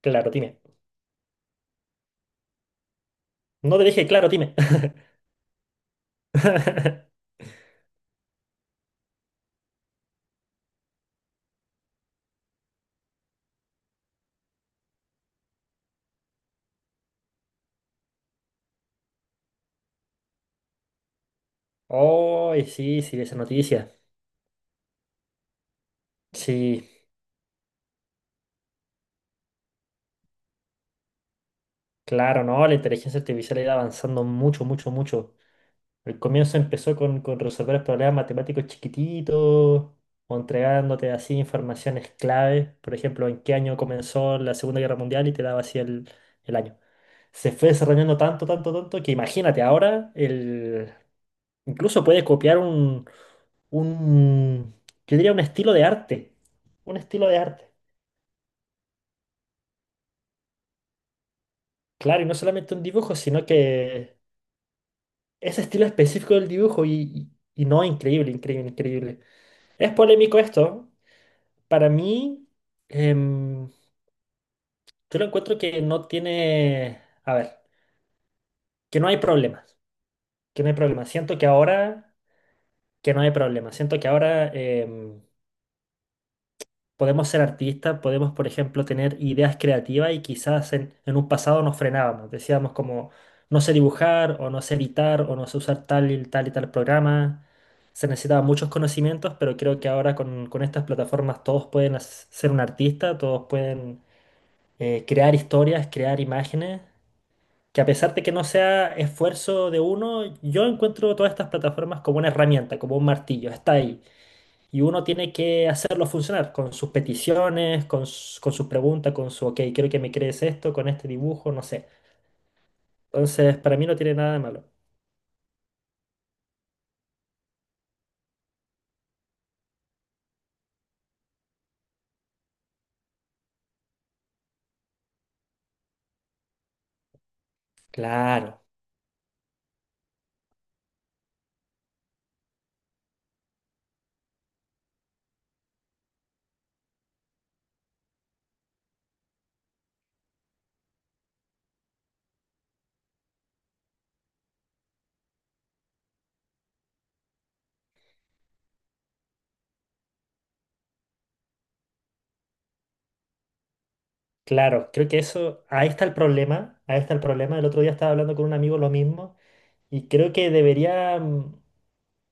Claro, dime. No te dije, claro, dime. Oh, sí, sí, vi esa noticia. Sí, claro, no, la inteligencia artificial ha ido avanzando mucho, mucho, mucho. El comienzo empezó con resolver problemas matemáticos chiquititos, o entregándote así informaciones clave. Por ejemplo, ¿en qué año comenzó la Segunda Guerra Mundial? Y te daba así el año. Se fue desarrollando tanto, tanto, tanto, que imagínate ahora incluso puede copiar un, yo diría un estilo de arte. Un estilo de arte. Claro, y no solamente un dibujo, sino que ese estilo específico del dibujo y no, increíble, increíble, increíble. Es polémico esto. Para mí, em, yo lo encuentro que no tiene, a ver, que no hay problemas, que no hay problemas. Siento que ahora, que no hay problemas. Siento que ahora... podemos ser artistas, podemos, por ejemplo, tener ideas creativas y quizás en un pasado nos frenábamos, decíamos como no sé dibujar o no sé editar o no sé usar tal y tal y tal programa. Se necesitaban muchos conocimientos, pero creo que ahora con estas plataformas todos pueden ser un artista, todos pueden crear historias, crear imágenes, que a pesar de que no sea esfuerzo de uno, yo encuentro todas estas plataformas como una herramienta, como un martillo, está ahí. Y uno tiene que hacerlo funcionar con sus peticiones, con sus preguntas, con su, ok, quiero que me crees esto, con este dibujo, no sé. Entonces, para mí no tiene nada de malo. Claro, claro, creo que eso, ahí está el problema, ahí está el problema. El otro día estaba hablando con un amigo lo mismo y creo que debería,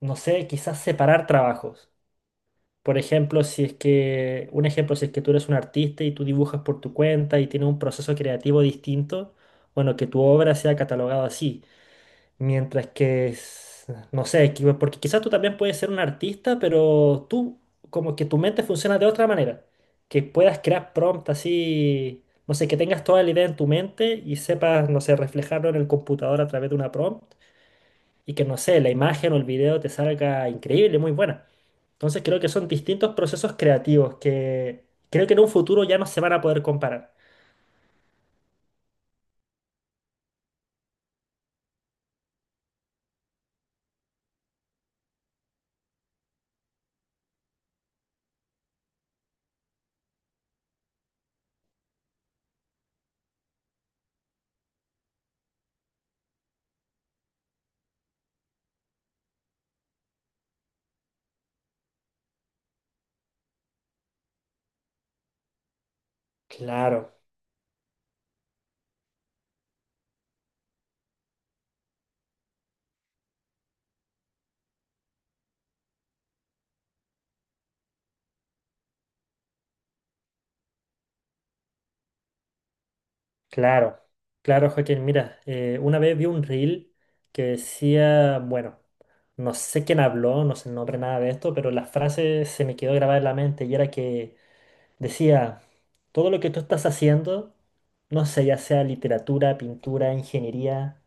no sé, quizás separar trabajos. Por ejemplo, si es que, un ejemplo, si es que tú eres un artista y tú dibujas por tu cuenta y tienes un proceso creativo distinto, bueno, que tu obra sea catalogada así. Mientras que, no sé, porque quizás tú también puedes ser un artista, pero tú, como que tu mente funciona de otra manera. Que puedas crear prompt así, no sé, que tengas toda la idea en tu mente y sepas, no sé, reflejarlo en el computador a través de una prompt y que, no sé, la imagen o el video te salga increíble, muy buena. Entonces creo que son distintos procesos creativos que creo que en un futuro ya no se van a poder comparar. Claro. Claro, claro, Joaquín. Mira, una vez vi un reel que decía, bueno, no sé quién habló, no sé el nombre, nada de esto, pero la frase se me quedó grabada en la mente y era que decía, todo lo que tú estás haciendo, no sé, ya sea literatura, pintura, ingeniería,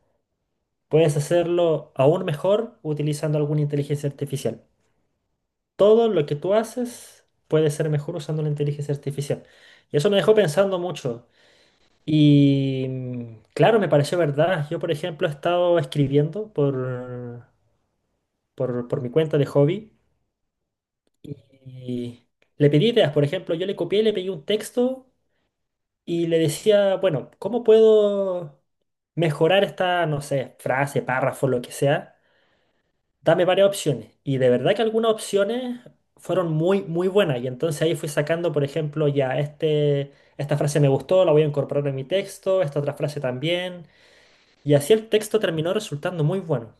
puedes hacerlo aún mejor utilizando alguna inteligencia artificial. Todo lo que tú haces puede ser mejor usando la inteligencia artificial. Y eso me dejó pensando mucho. Y claro, me pareció verdad. Yo, por ejemplo, he estado escribiendo por mi cuenta de hobby y le pedí ideas. Por ejemplo, yo le copié, le pedí un texto y le decía, bueno, ¿cómo puedo mejorar esta, no sé, frase, párrafo, lo que sea? Dame varias opciones. Y de verdad que algunas opciones fueron muy, muy buenas. Y entonces ahí fui sacando, por ejemplo, ya este, esta frase me gustó, la voy a incorporar en mi texto, esta otra frase también. Y así el texto terminó resultando muy bueno.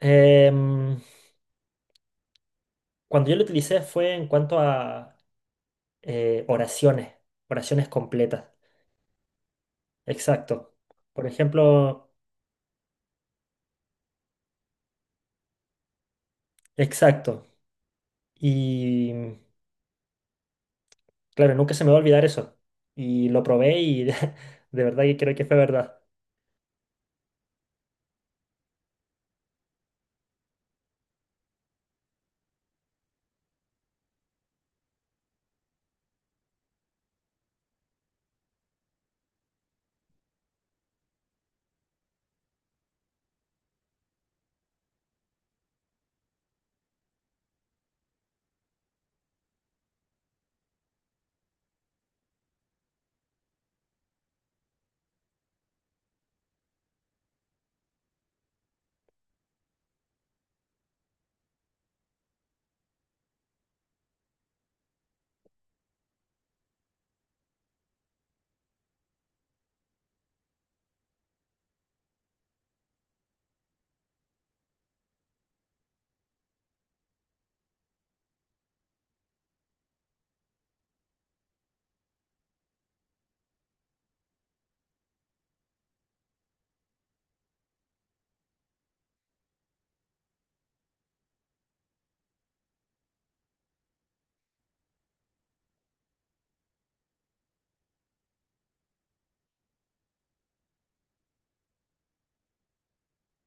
Em, cuando yo lo utilicé fue en cuanto a oraciones, oraciones completas. Exacto. Por ejemplo, exacto. Y claro, nunca se me va a olvidar eso. Y lo probé y de, verdad que creo que fue verdad.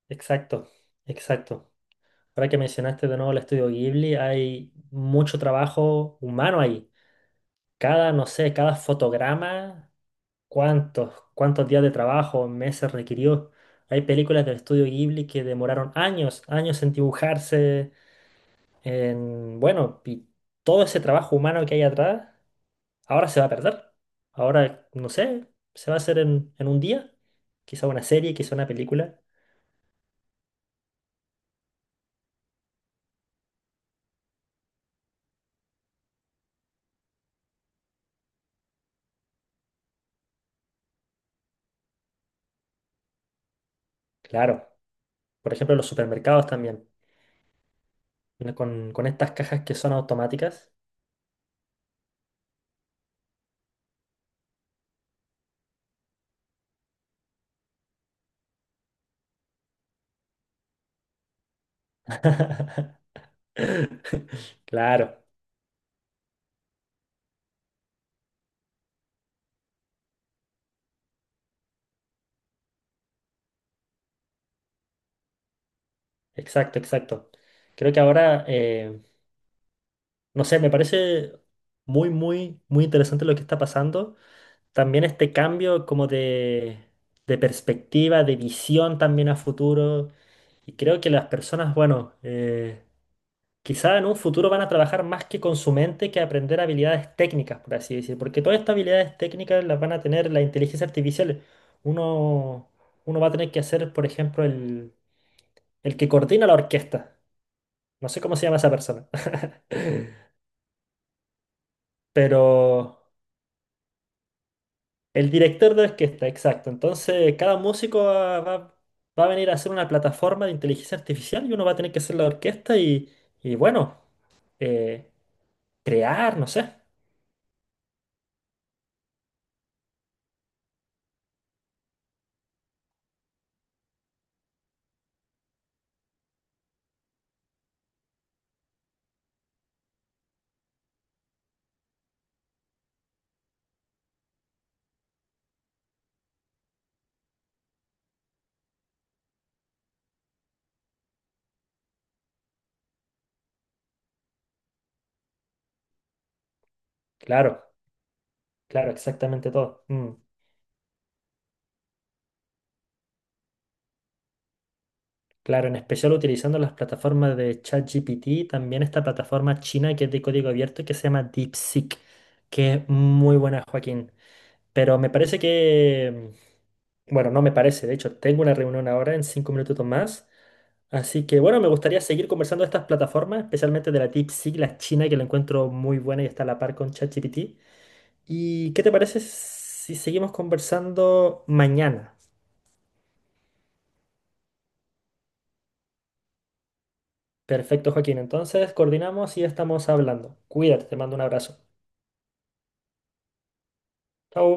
Exacto, exacto. Ahora que mencionaste de nuevo el estudio Ghibli, hay mucho trabajo humano ahí. Cada, no sé, cada fotograma. Cuántos, cuántos días de trabajo, meses requirió. Hay películas del estudio Ghibli que demoraron años, años en dibujarse, en, bueno, y todo ese trabajo humano que hay atrás, ahora se va a perder. Ahora, no sé, se va a hacer en un día, quizá una serie, quizá una película. Claro, por ejemplo, los supermercados también, vienen con estas cajas que son automáticas. Claro, exacto, exacto. Creo que ahora no sé, me parece muy, muy, muy interesante lo que está pasando. También este cambio como de perspectiva, de visión también a futuro. Y creo que las personas, bueno, quizá en un futuro van a trabajar más que con su mente que aprender habilidades técnicas, por así decir. Porque todas estas habilidades técnicas las van a tener la inteligencia artificial. Uno, uno va a tener que hacer, por ejemplo, el que coordina la orquesta. No sé cómo se llama esa persona. Pero... El director de orquesta, exacto. Entonces, cada músico va a venir a hacer una plataforma de inteligencia artificial y uno va a tener que hacer la orquesta y bueno, eh, crear, no sé. Claro, claro, exactamente todo. Claro, en especial utilizando las plataformas de ChatGPT, también esta plataforma china que es de código abierto que se llama DeepSeek, que es muy buena, Joaquín. Pero me parece que, bueno, no me parece, de hecho, tengo una reunión ahora en 5 minutos más. Así que bueno, me gustaría seguir conversando de estas plataformas, especialmente de la DeepSeek, la china, que la encuentro muy buena y está a la par con ChatGPT. ¿Y qué te parece si seguimos conversando mañana? Perfecto, Joaquín. Entonces, coordinamos y estamos hablando. Cuídate, te mando un abrazo. Chao.